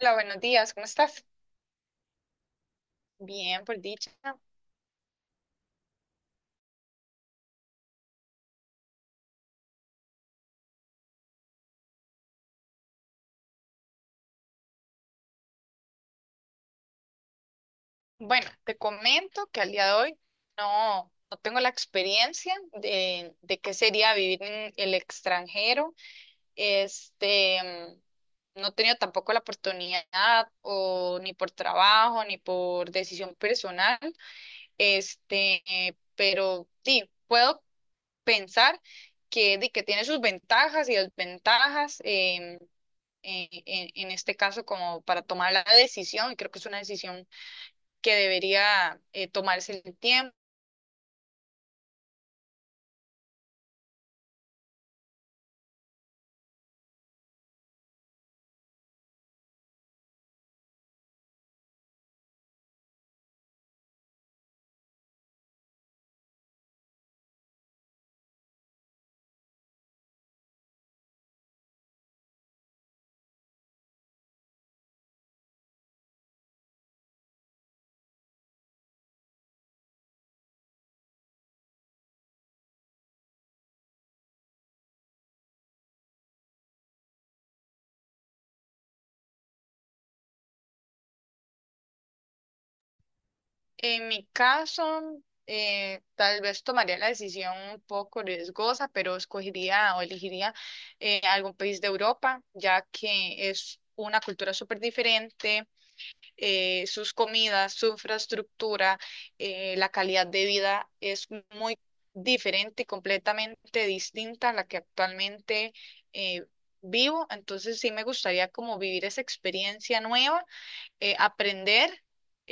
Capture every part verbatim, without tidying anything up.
Hola, buenos días, ¿cómo estás? Bien, por dicha. Bueno, te comento que al día de hoy no, no tengo la experiencia de, de qué sería vivir en el extranjero. Este, mm, no he tenido tampoco la oportunidad o ni por trabajo ni por decisión personal. Este, eh, pero sí, puedo pensar que, di- que tiene sus ventajas y desventajas. Em, eh, en, en este caso como para tomar la decisión, y creo que es una decisión que debería eh, tomarse el tiempo. En mi caso, eh, tal vez tomaría la decisión un poco riesgosa, pero escogería o elegiría eh, algún país de Europa, ya que es una cultura súper diferente, eh, sus comidas, su infraestructura, eh, la calidad de vida es muy diferente y completamente distinta a la que actualmente eh, vivo. Entonces sí me gustaría como vivir esa experiencia nueva, eh, aprender.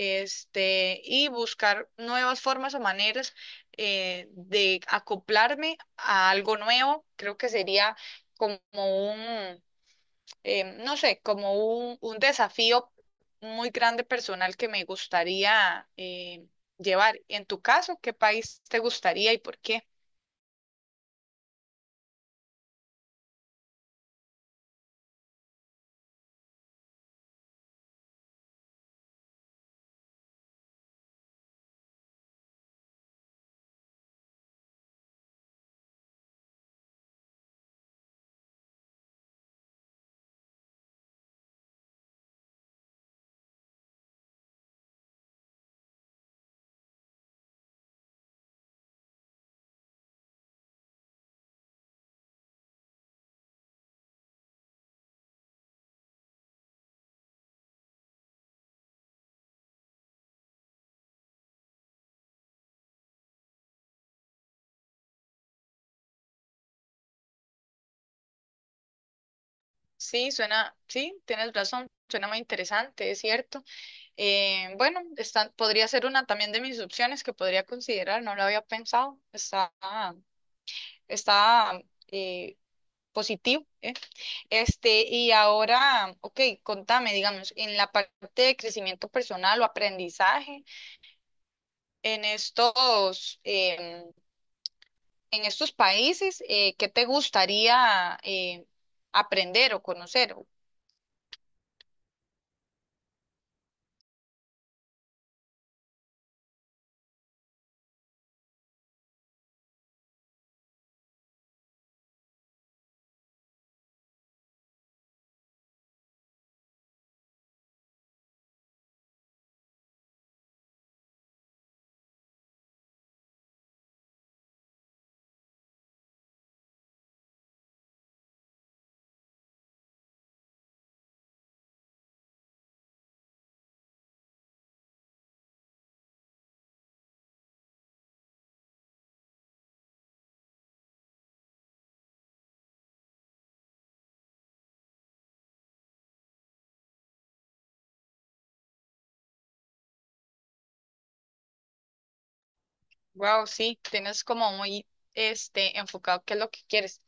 Este, y buscar nuevas formas o maneras eh, de acoplarme a algo nuevo. Creo que sería como un, eh, no sé, como un, un desafío muy grande personal que me gustaría eh, llevar. En tu caso, ¿qué país te gustaría y por qué? Sí, suena, sí, tienes razón, suena muy interesante, es cierto. Eh, bueno, está, podría ser una también de mis opciones que podría considerar, no lo había pensado, está, está eh, positivo. ¿Eh? Este, y ahora, ok, contame, digamos, en la parte de crecimiento personal o aprendizaje. En estos, em, en estos países, eh, ¿qué te gustaría eh, aprender o conocer? Wow, sí, tienes como muy este, enfocado qué es lo que quieres.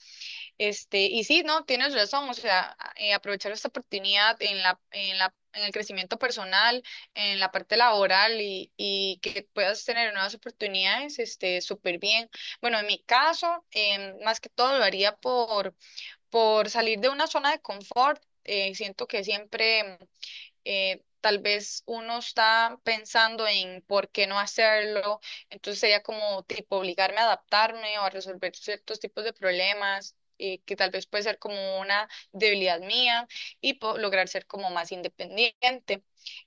Este, y sí, no, tienes razón, o sea, a- eh, aprovechar esta oportunidad en la, en la, en el crecimiento personal, en la parte laboral y, y que puedas tener nuevas oportunidades, este, súper bien. Bueno, en mi caso, em, más que todo lo haría por por salir de una zona de confort. Eh, siento que siempre eh, tal vez uno está pensando en por qué no hacerlo, entonces sería como tipo obligarme a adaptarme o a resolver ciertos tipos de problemas, eh, que tal vez puede ser como una debilidad mía y po- lograr ser como más independiente.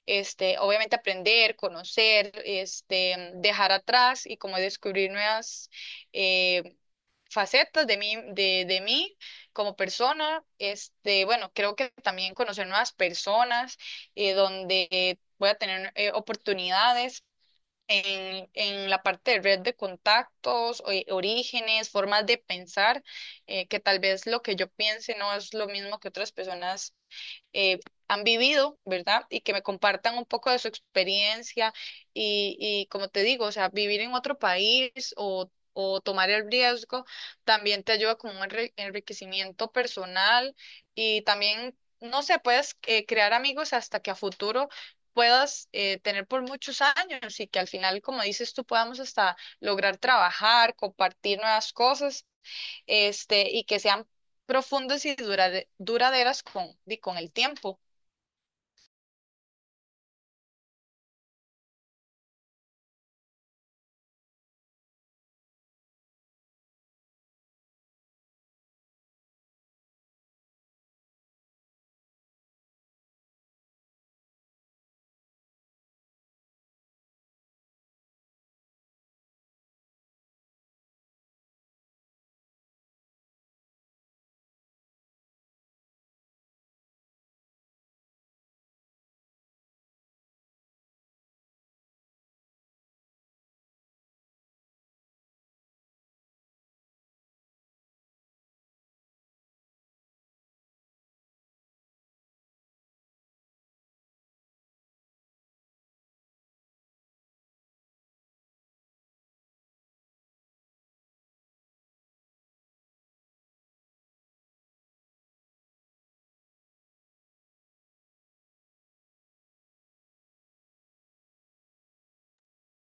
Este, obviamente aprender, conocer, este, dejar atrás y como descubrir nuevas eh, facetas de mí, de, de mí como persona. Este, bueno, creo que también conocer nuevas personas, eh, donde eh, voy a tener eh, oportunidades en, en la parte de red de contactos, o- eh, orígenes, formas de pensar, eh, que tal vez lo que yo piense no es lo mismo que otras personas eh, han vivido, ¿verdad? Y que me compartan un poco de su experiencia y, y como te digo, o sea, vivir en otro país o, o tomar el riesgo también te ayuda con un enri- enriquecimiento personal y también... No sé, puedes eh, crear amigos hasta que a futuro puedas eh, tener por muchos años y que al final, como dices tú, podamos hasta lograr trabajar, compartir nuevas cosas, este, y que sean profundas y durade- duraderas con, di- con el tiempo.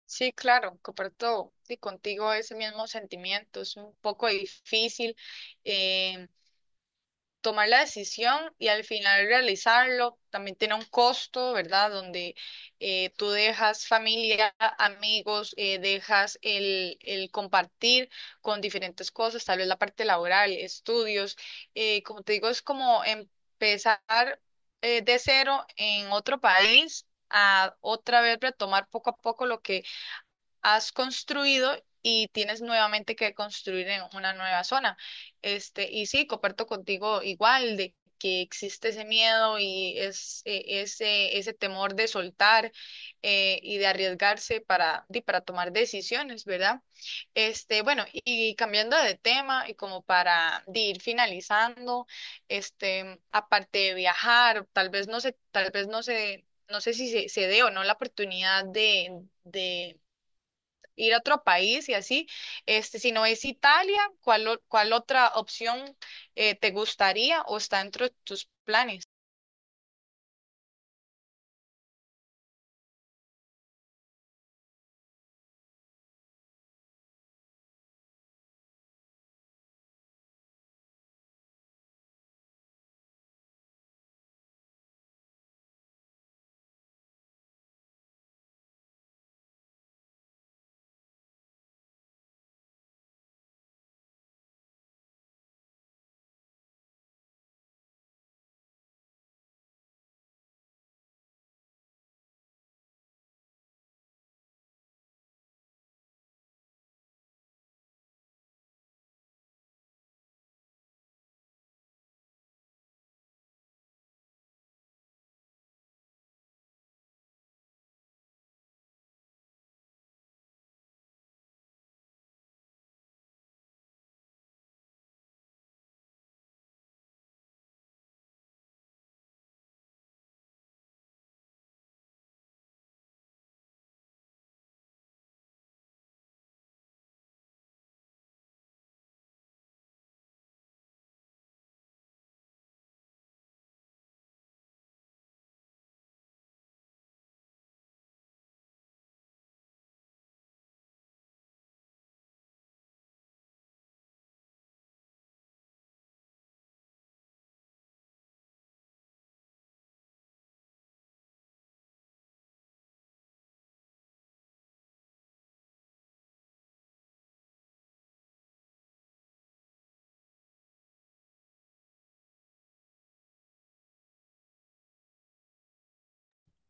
Sí, claro, comparto di, contigo ese mismo sentimiento, es un poco difícil, em, tomar la decisión y al final realizarlo. También tiene un costo, ¿verdad? Donde eh, tú dejas familia, amigos, eh, dejas el, el compartir con diferentes cosas, tal vez la parte laboral, estudios. Eh, como te digo, es como empezar eh, de cero en otro país, a otra vez retomar poco a poco lo que has construido y tienes nuevamente que construir en una nueva zona. Este, y sí, comparto contigo igual de que existe ese miedo y es, eh, ese, ese temor de soltar eh, y de arriesgarse para, di- para tomar decisiones, ¿verdad? Este, bueno, y cambiando de tema y como para di, ir finalizando, este, aparte de viajar, tal vez no sé, tal vez no sé, no sé si se, se dé o no la oportunidad de, de ir a otro país y así. Este, si no es Italia, ¿cuál, o- ¿cuál otra opción eh, te gustaría o está dentro de tus planes?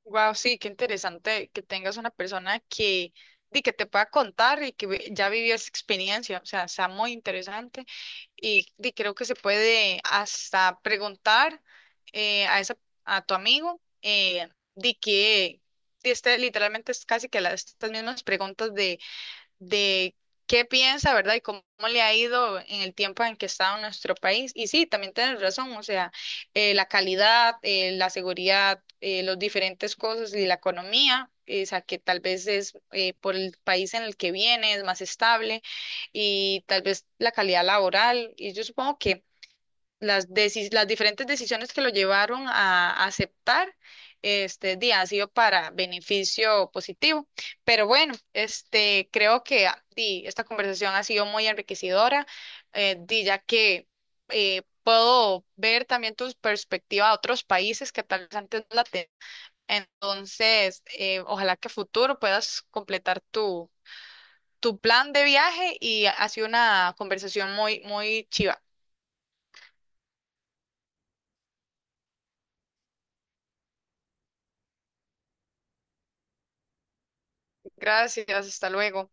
Wow, sí, qué interesante que tengas una persona que, di, que te pueda contar y que vi- ya vivió esa experiencia. O sea, está muy interesante y, di, creo que se puede hasta preguntar eh, a esa, a tu amigo eh, de que... di, Este, literalmente es casi que las, estas mismas preguntas de de qué piensa, ¿verdad? Y cómo le ha ido en el tiempo en que ha estado en nuestro país. Y sí, también tienes razón, o sea, eh, la calidad, eh, la seguridad, eh, los diferentes cosas y la economía. eh, O sea, que tal vez es eh, por el país en el que viene, es más estable y tal vez la calidad laboral. Y yo supongo que las, deci- las diferentes decisiones que lo llevaron a aceptar este día ha sido para beneficio positivo. Pero bueno, este, creo que ah, di, esta conversación ha sido muy enriquecedora, eh, di, ya que eh, puedo ver también tu perspectiva a otros países que tal vez antes no la tenían. Entonces, eh, ojalá que a futuro puedas completar tu, tu plan de viaje y ha sido una conversación muy, muy chiva. Gracias, hasta luego.